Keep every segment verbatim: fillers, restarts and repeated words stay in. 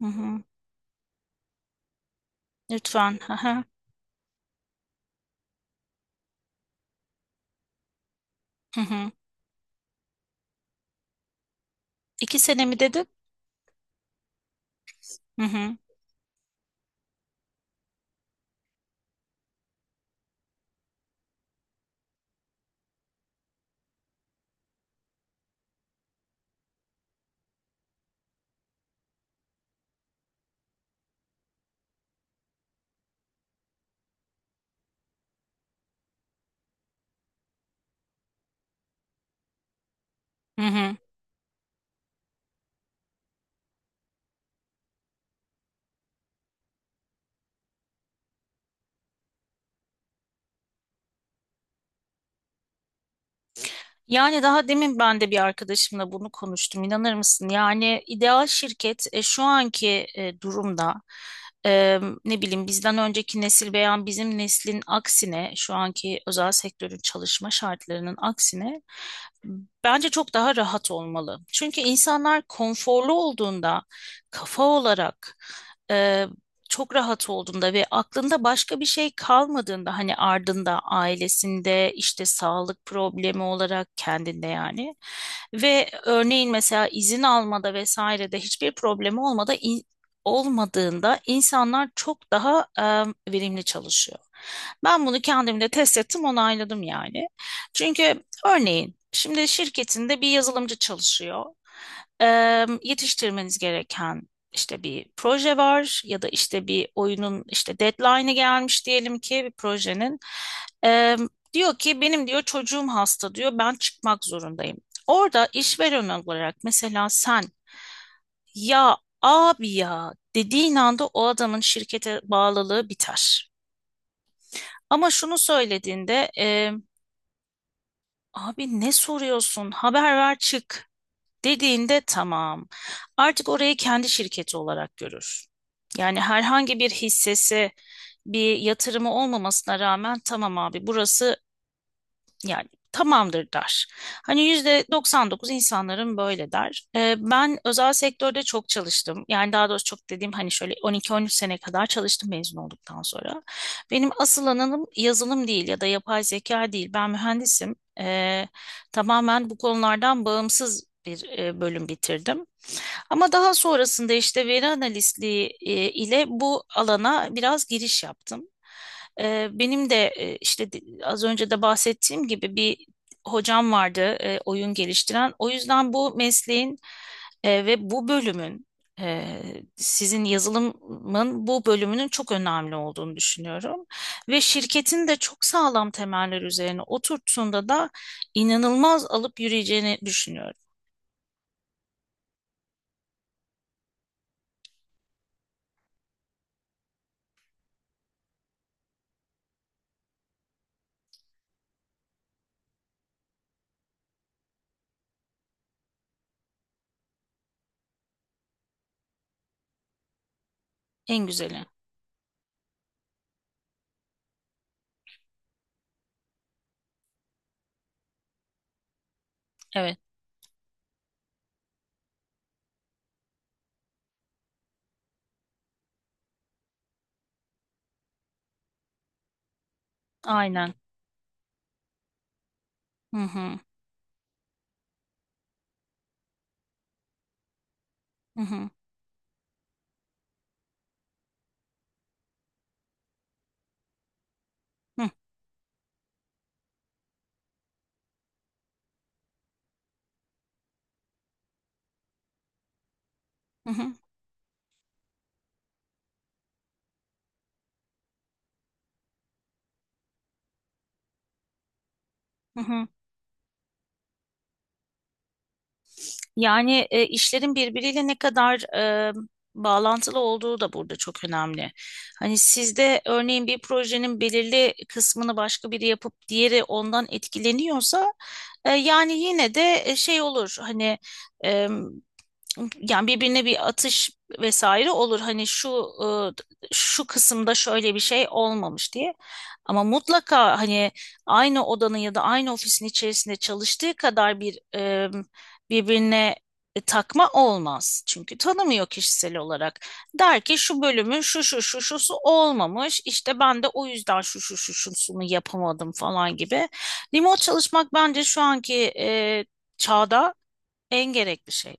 Hı hı. Lütfen. Hı hı. Hı hı. İki sene mi dedin? Hı hı. Hı hı. Yani daha demin ben de bir arkadaşımla bunu konuştum. İnanır mısın? Yani ideal şirket e, şu anki e, durumda e, ne bileyim bizden önceki nesil veya bizim neslin aksine şu anki özel sektörün çalışma şartlarının aksine bence çok daha rahat olmalı. Çünkü insanlar konforlu olduğunda kafa olarak e, çok rahat olduğunda ve aklında başka bir şey kalmadığında hani ardında ailesinde işte sağlık problemi olarak kendinde yani ve örneğin mesela izin almada vesairede hiçbir problemi olmada in- olmadığında insanlar çok daha e, verimli çalışıyor. Ben bunu kendimde test ettim, onayladım yani. Çünkü örneğin şimdi şirketinde bir yazılımcı çalışıyor. E, Yetiştirmeniz gereken işte bir proje var ya da işte bir oyunun işte deadline'ı gelmiş diyelim ki bir projenin. Ee, Diyor ki benim diyor çocuğum hasta diyor ben çıkmak zorundayım. Orada işveren olarak mesela sen ya abi ya dediğin anda o adamın şirkete bağlılığı biter. Ama şunu söylediğinde e, abi ne soruyorsun haber ver çık dediğinde tamam. Artık orayı kendi şirketi olarak görür. Yani herhangi bir hissesi, bir yatırımı olmamasına rağmen tamam abi burası yani tamamdır der. Hani yüzde doksan dokuz insanların böyle der. Ee, ben özel sektörde çok çalıştım. Yani daha doğrusu çok dediğim hani şöyle on iki on üç sene kadar çalıştım mezun olduktan sonra. Benim asıl alanım yazılım değil ya da yapay zeka değil. Ben mühendisim. Ee, tamamen bu konulardan bağımsız bir e, bölüm bitirdim. Ama daha sonrasında işte veri analistliği e, ile bu alana biraz giriş yaptım. E, benim de e, işte de- az önce de bahsettiğim gibi bir hocam vardı e, oyun geliştiren. O yüzden bu mesleğin e, ve bu bölümün e, sizin yazılımın bu bölümünün çok önemli olduğunu düşünüyorum. Ve şirketin de çok sağlam temeller üzerine oturttuğunda da inanılmaz alıp yürüyeceğini düşünüyorum. En güzeli. Evet, aynen. Hı hı, hı hı, hı hı, hı hı. Yani e, işlerin birbiriyle ne kadar e, bağlantılı olduğu da burada çok önemli. Hani sizde örneğin bir projenin belirli kısmını başka biri yapıp diğeri ondan etkileniyorsa e, yani yine de e, şey olur hani yani birbirine bir atış vesaire olur. Hani şu e, şu kısımda şöyle bir şey olmamış diye. Ama mutlaka hani aynı odanın ya da aynı ofisin içerisinde çalıştığı kadar bir e, birbirine e, takma olmaz. Çünkü tanımıyor kişisel olarak. Der ki şu bölümün şu şu şu şusu olmamış. İşte ben de o yüzden şu şu şu şusunu yapamadım falan gibi. Remote çalışmak bence şu anki e, çağda en gerekli şey.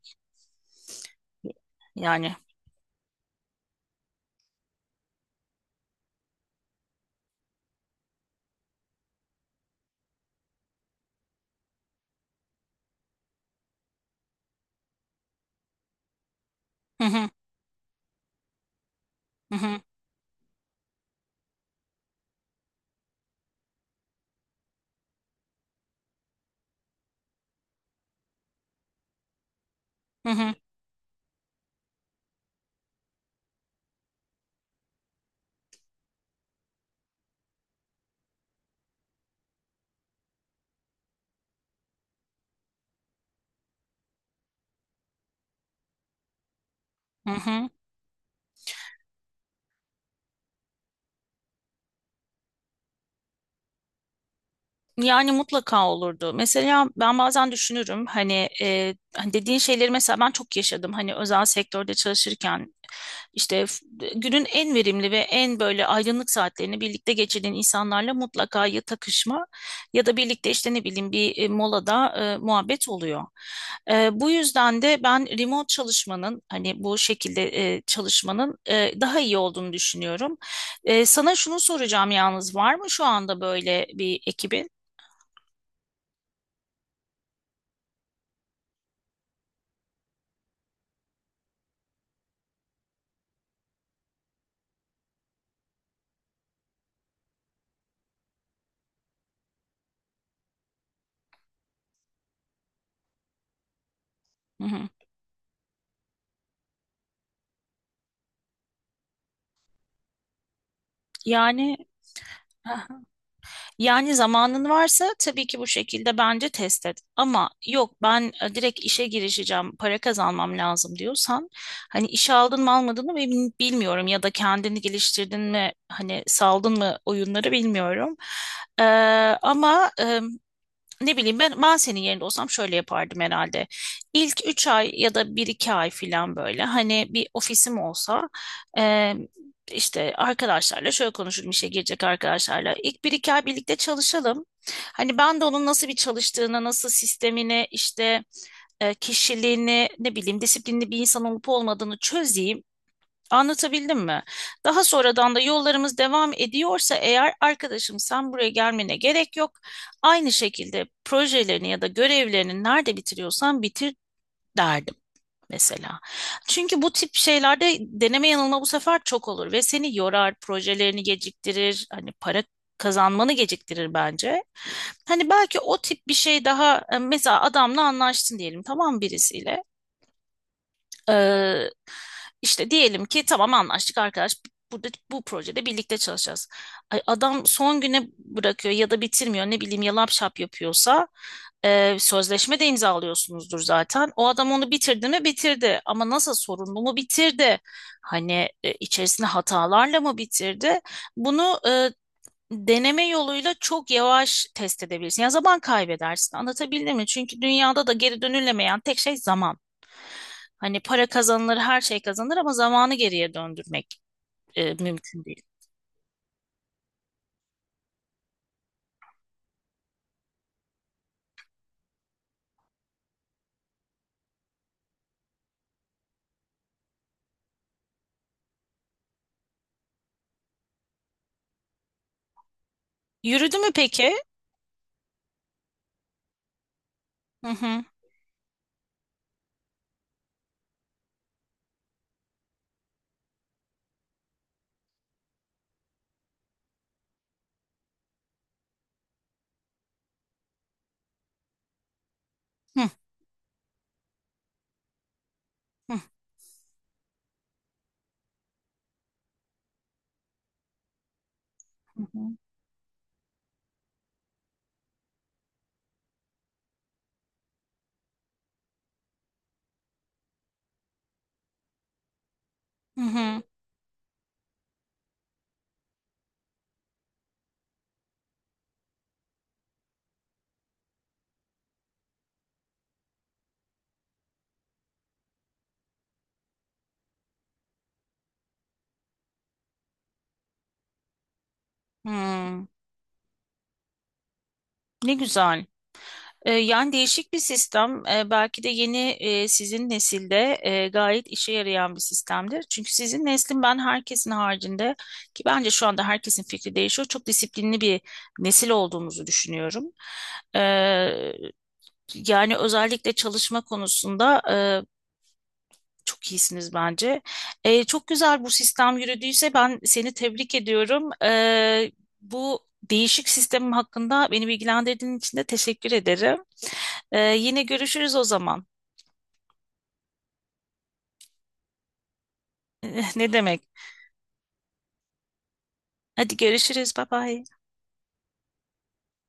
Yani hı hı hı hı hı hı. Hı hı. Yani mutlaka olurdu. Mesela ben bazen düşünürüm hani, e, hani dediğin şeyleri mesela ben çok yaşadım. Hani özel sektörde çalışırken işte f- günün en verimli ve en böyle aydınlık saatlerini birlikte geçirdiğin insanlarla mutlaka ya takışma ya da birlikte işte ne bileyim bir e, molada e, muhabbet oluyor. E, bu yüzden de ben remote çalışmanın hani bu şekilde e, çalışmanın e, daha iyi olduğunu düşünüyorum. E, sana şunu soracağım yalnız var mı şu anda böyle bir ekibin? Hı hı. Yani hı. Yani zamanın varsa tabii ki bu şekilde bence test et. Ama yok ben e, direkt işe girişeceğim, para kazanmam lazım diyorsan hani işe aldın mı almadın mı emin- bilmiyorum ya da kendini geliştirdin mi hani saldın mı oyunları bilmiyorum. Ee, Ama ne bileyim ben, ben senin yerinde olsam şöyle yapardım herhalde. İlk üç ay ya da bir iki ay falan böyle hani bir ofisim olsa e, işte arkadaşlarla şöyle konuşurum işe girecek arkadaşlarla. İlk bir iki ay birlikte çalışalım. Hani ben de onun nasıl bir çalıştığını, nasıl sistemini işte e, kişiliğini ne bileyim disiplinli bir insan olup olmadığını çözeyim. Anlatabildim mi? Daha sonradan da yollarımız devam ediyorsa eğer arkadaşım sen buraya gelmene gerek yok. Aynı şekilde projelerini ya da görevlerini nerede bitiriyorsan bitir derdim mesela. Çünkü bu tip şeylerde deneme yanılma bu sefer çok olur ve seni yorar, projelerini geciktirir, hani para kazanmanı geciktirir bence. Hani belki o tip bir şey daha e, mesela adamla anlaştın diyelim tamam birisiyle. Ee, işte diyelim ki tamam anlaştık arkadaş. Burada bu projede birlikte çalışacağız. Ay, adam son güne bırakıyor ya da bitirmiyor ne bileyim yalap şap yapıyorsa e, sözleşme de imzalıyorsunuzdur zaten. O adam onu bitirdi mi bitirdi ama nasıl sorunlu mu bitirdi? Hani e, içerisinde hatalarla mı bitirdi? Bunu e, deneme yoluyla çok yavaş test edebilirsin. Ya zaman kaybedersin. Anlatabildim mi? Çünkü dünyada da geri dönülemeyen tek şey zaman. Hani para kazanılır, her şey kazanılır ama zamanı geriye döndürmek e, mümkün değil. Yürüdü mü peki? Hı hı. Hı hı. Hı hı. Hı hı. Hı. Ne güzel. E, Yani değişik bir sistem. E, Belki de yeni e, sizin nesilde e, gayet işe yarayan bir sistemdir. Çünkü sizin neslin ben herkesin haricinde ki bence şu anda herkesin fikri değişiyor. Çok disiplinli bir nesil olduğumuzu düşünüyorum. E, Yani özellikle çalışma konusunda e, çok iyisiniz bence. E, Çok güzel bu sistem yürüdüyse ben seni tebrik ediyorum. E, Bu değişik sistemim hakkında beni bilgilendirdiğin için de teşekkür ederim. Ee, yine görüşürüz o zaman. Ne demek? Hadi görüşürüz. Bye bye.